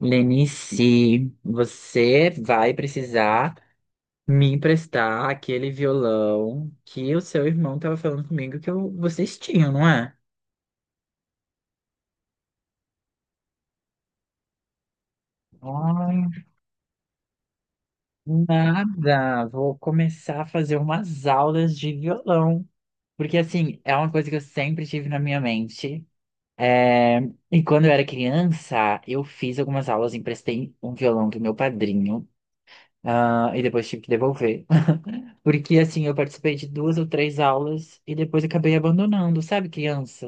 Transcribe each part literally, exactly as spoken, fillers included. Lenice, você vai precisar me emprestar aquele violão que o seu irmão estava falando comigo que eu- vocês tinham, não é? Ai, nada. Vou começar a fazer umas aulas de violão. Porque, assim, é uma coisa que eu sempre tive na minha mente. É, E quando eu era criança, eu fiz algumas aulas, emprestei um violão do meu padrinho, ah, e depois tive que devolver. Porque, assim, eu participei de duas ou três aulas e depois acabei abandonando. Sabe, criança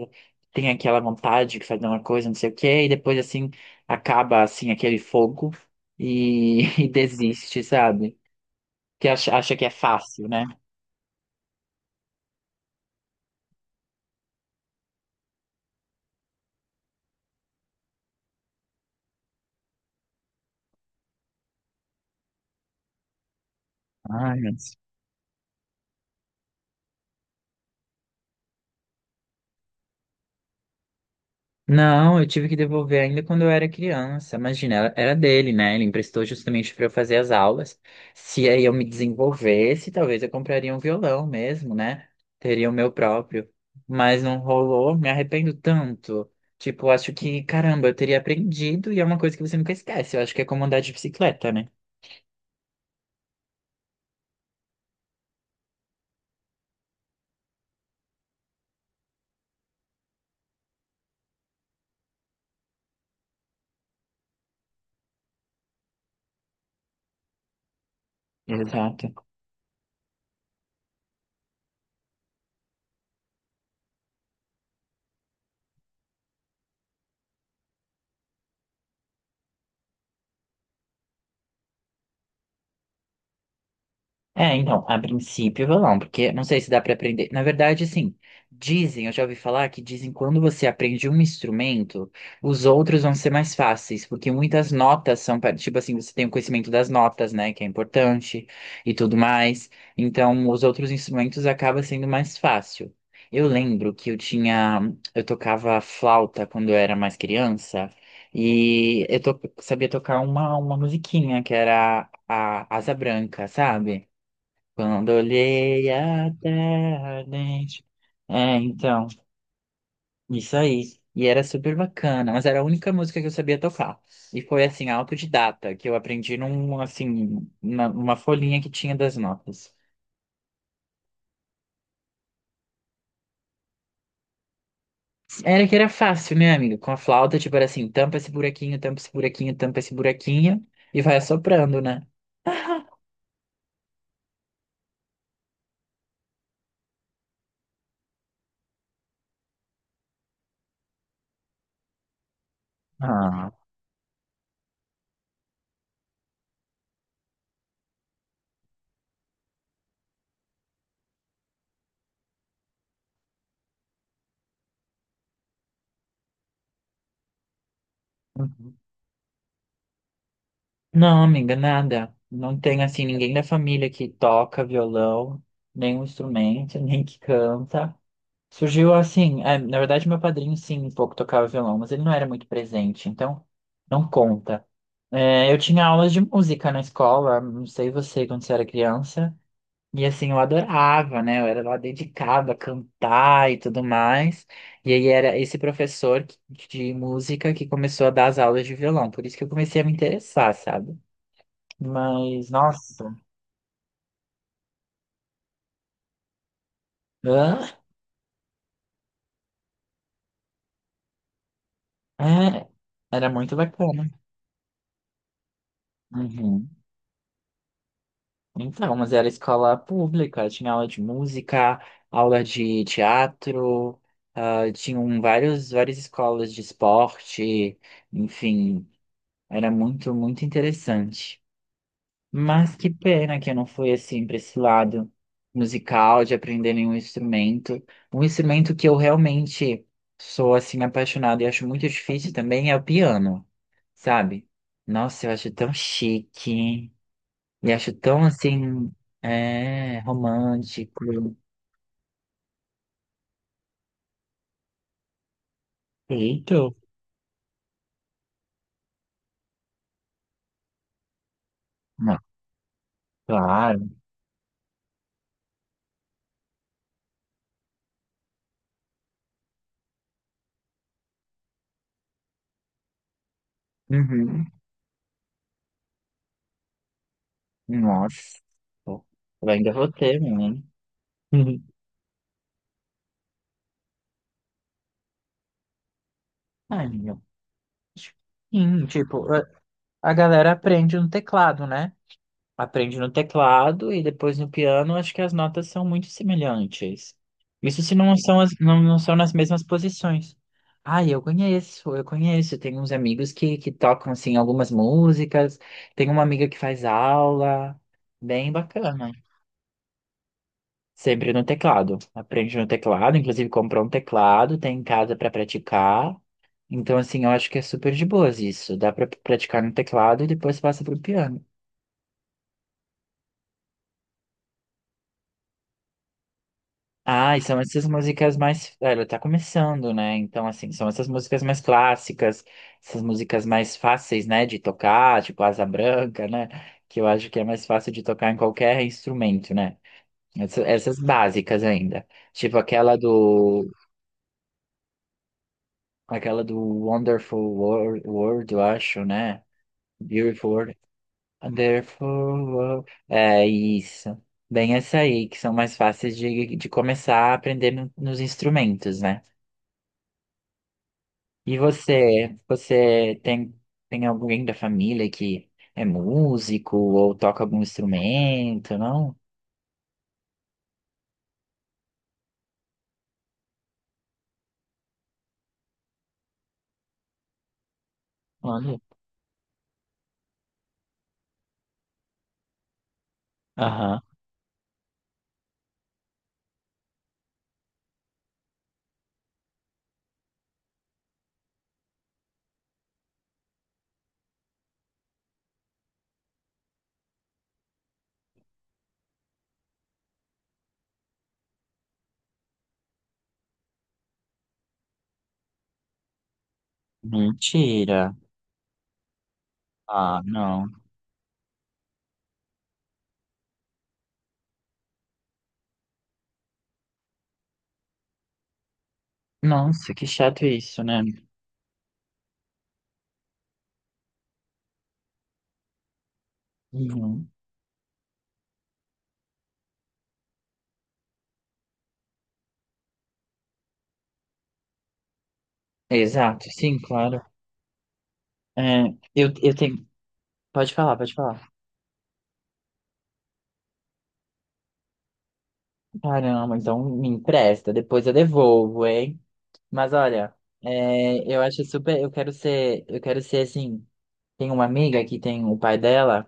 tem aquela vontade de fazer uma coisa, não sei o quê, e depois, assim, acaba, assim, aquele fogo e, e desiste, sabe? Que acha, acha que é fácil, né? Ai, não, eu tive que devolver ainda quando eu era criança. Imagina, era era dele, né? Ele emprestou justamente para eu fazer as aulas. Se aí eu me desenvolvesse, talvez eu compraria um violão mesmo, né? Teria o meu próprio. Mas não rolou, me arrependo tanto. Tipo, acho que, caramba, eu teria aprendido e é uma coisa que você nunca esquece. Eu acho que é como andar de bicicleta, né? Uhum. Exato. É, então, a princípio violão, porque não sei se dá pra aprender. Na verdade, assim, dizem, eu já ouvi falar que dizem que quando você aprende um instrumento, os outros vão ser mais fáceis, porque muitas notas são, pa- tipo assim, você tem o conhecimento das notas, né, que é importante e tudo mais. Então, os outros instrumentos acaba sendo mais fácil. Eu lembro que eu tinha, eu tocava flauta quando eu era mais criança. E eu to- sabia tocar uma, uma musiquinha que era a Asa Branca, sabe? Quando olhei a terra ardente. É, então, isso aí. E era super bacana, mas era a única música que eu sabia tocar. E foi assim, autodidata, que eu aprendi num, assim, na- numa folhinha que tinha das notas. Era que era fácil, né, amiga? Com a flauta, tipo, era assim, tampa esse buraquinho, tampa esse buraquinho, tampa esse buraquinho, e vai assoprando, né? Ah, uhum. Não, amiga, nada. Não tem, assim, ninguém da família que toca violão, nem um instrumento, nem que canta. Surgiu assim, é, na verdade meu padrinho sim, um pouco tocava violão, mas ele não era muito presente, então não conta. É, eu tinha aulas de música na escola, não sei você, quando você era criança, e assim, eu adorava, né? Eu era lá dedicada a cantar e tudo mais, e aí era esse professor que- de música que começou a dar as aulas de violão, por isso que eu comecei a me interessar, sabe? Mas, nossa, hã? É, era muito bacana. Uhum. Então, mas era escola pública, tinha aula de música, aula de teatro, ah, tinham vários, várias escolas de esporte, enfim, era muito, muito interessante. Mas que pena que eu não fui assim para esse lado musical, de aprender nenhum instrumento. Um instrumento que eu realmente sou assim apaixonado e acho muito difícil também é o piano, sabe? Nossa, eu acho tão chique. E acho tão assim, é, romântico. Eita, não, claro. Uhum. Nossa. Eu ainda vou ter, menino. Uhum. Ai, meu. Sim, tipo, a a galera aprende no teclado, né? Aprende no teclado e depois no piano, acho que as notas são muito semelhantes. Isso se não são, as, não, não são nas mesmas posições. Ah, eu conheço, eu conheço. Tem uns amigos que, que tocam, assim, algumas músicas. Tem uma amiga que faz aula. Bem bacana. Sempre no teclado. Aprende no teclado, inclusive comprou um teclado, tem em casa para praticar. Então, assim, eu acho que é super de boas isso. Dá para praticar no teclado e depois passa para o piano. Ah, e são essas músicas mais. Ela tá começando, né? Então, assim, são essas músicas mais clássicas, essas músicas mais fáceis, né, de tocar, tipo Asa Branca, né? Que eu acho que é mais fácil de tocar em qualquer instrumento, né? Essa- Essas, básicas ainda. Tipo aquela do. Aquela do Wonderful Wor- World, eu acho, né? Beautiful World. Wonderful World. É isso. Bem, essa aí, que são mais fáceis de, de começar a aprender no- nos instrumentos, né? E você, você tem, tem alguém da família que é músico ou toca algum instrumento, não? Olha. Aham. Mentira. Ah, não. Nossa, que chato isso, né? Uhum. Exato, sim, claro. É, eu, eu tenho. Pode falar, pode falar. Caramba, então me empresta, depois eu devolvo, hein? Mas olha, é, eu acho super. Eu quero ser. Eu quero ser assim. Tem uma amiga que tem o pai dela,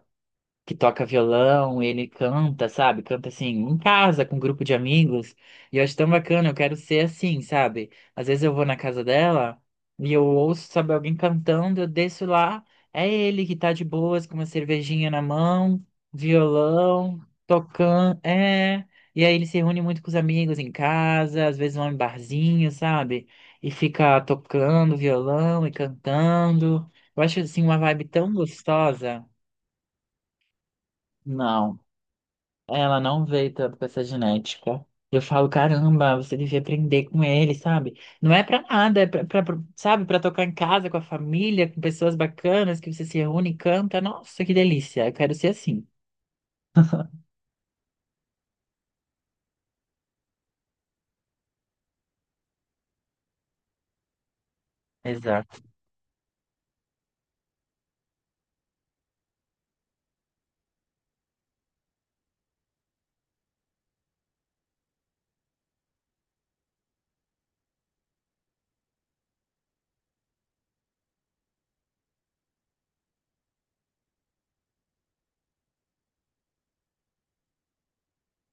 que toca violão, ele canta, sabe? Canta assim, em casa, com um grupo de amigos. E eu acho tão bacana, eu quero ser assim, sabe? Às vezes eu vou na casa dela e eu ouço, sabe, alguém cantando, eu desço lá, é ele que tá de boas, com uma cervejinha na mão, violão, tocando, é. E aí ele se reúne muito com os amigos em casa, às vezes vão em barzinho, sabe? E fica tocando violão e cantando. Eu acho assim uma vibe tão gostosa. Não. Ela não veio tanto com essa genética. Eu falo, caramba, você devia aprender com ele, sabe? Não é pra nada, é pra, pra- pra- sabe, pra tocar em casa com a família, com pessoas bacanas, que você se reúne e canta. Nossa, que delícia, eu quero ser assim. Exato.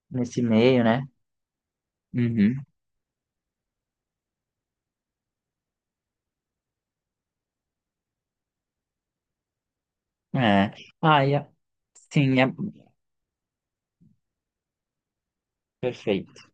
Nesse meio, né? Uhum. É. Ai, a- sim, é perfeito.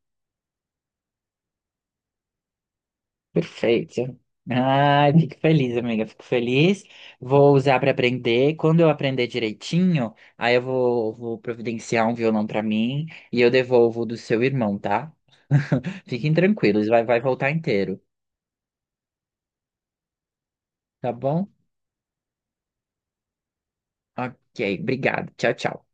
Perfeito. Ai, fico feliz, amiga, fico feliz. Vou usar para aprender. Quando eu aprender direitinho, aí eu vou, vou providenciar um violão para mim e eu devolvo o do seu irmão, tá? Fiquem tranquilos, vai, vai voltar inteiro, tá bom? Ok, obrigado. Tchau, tchau.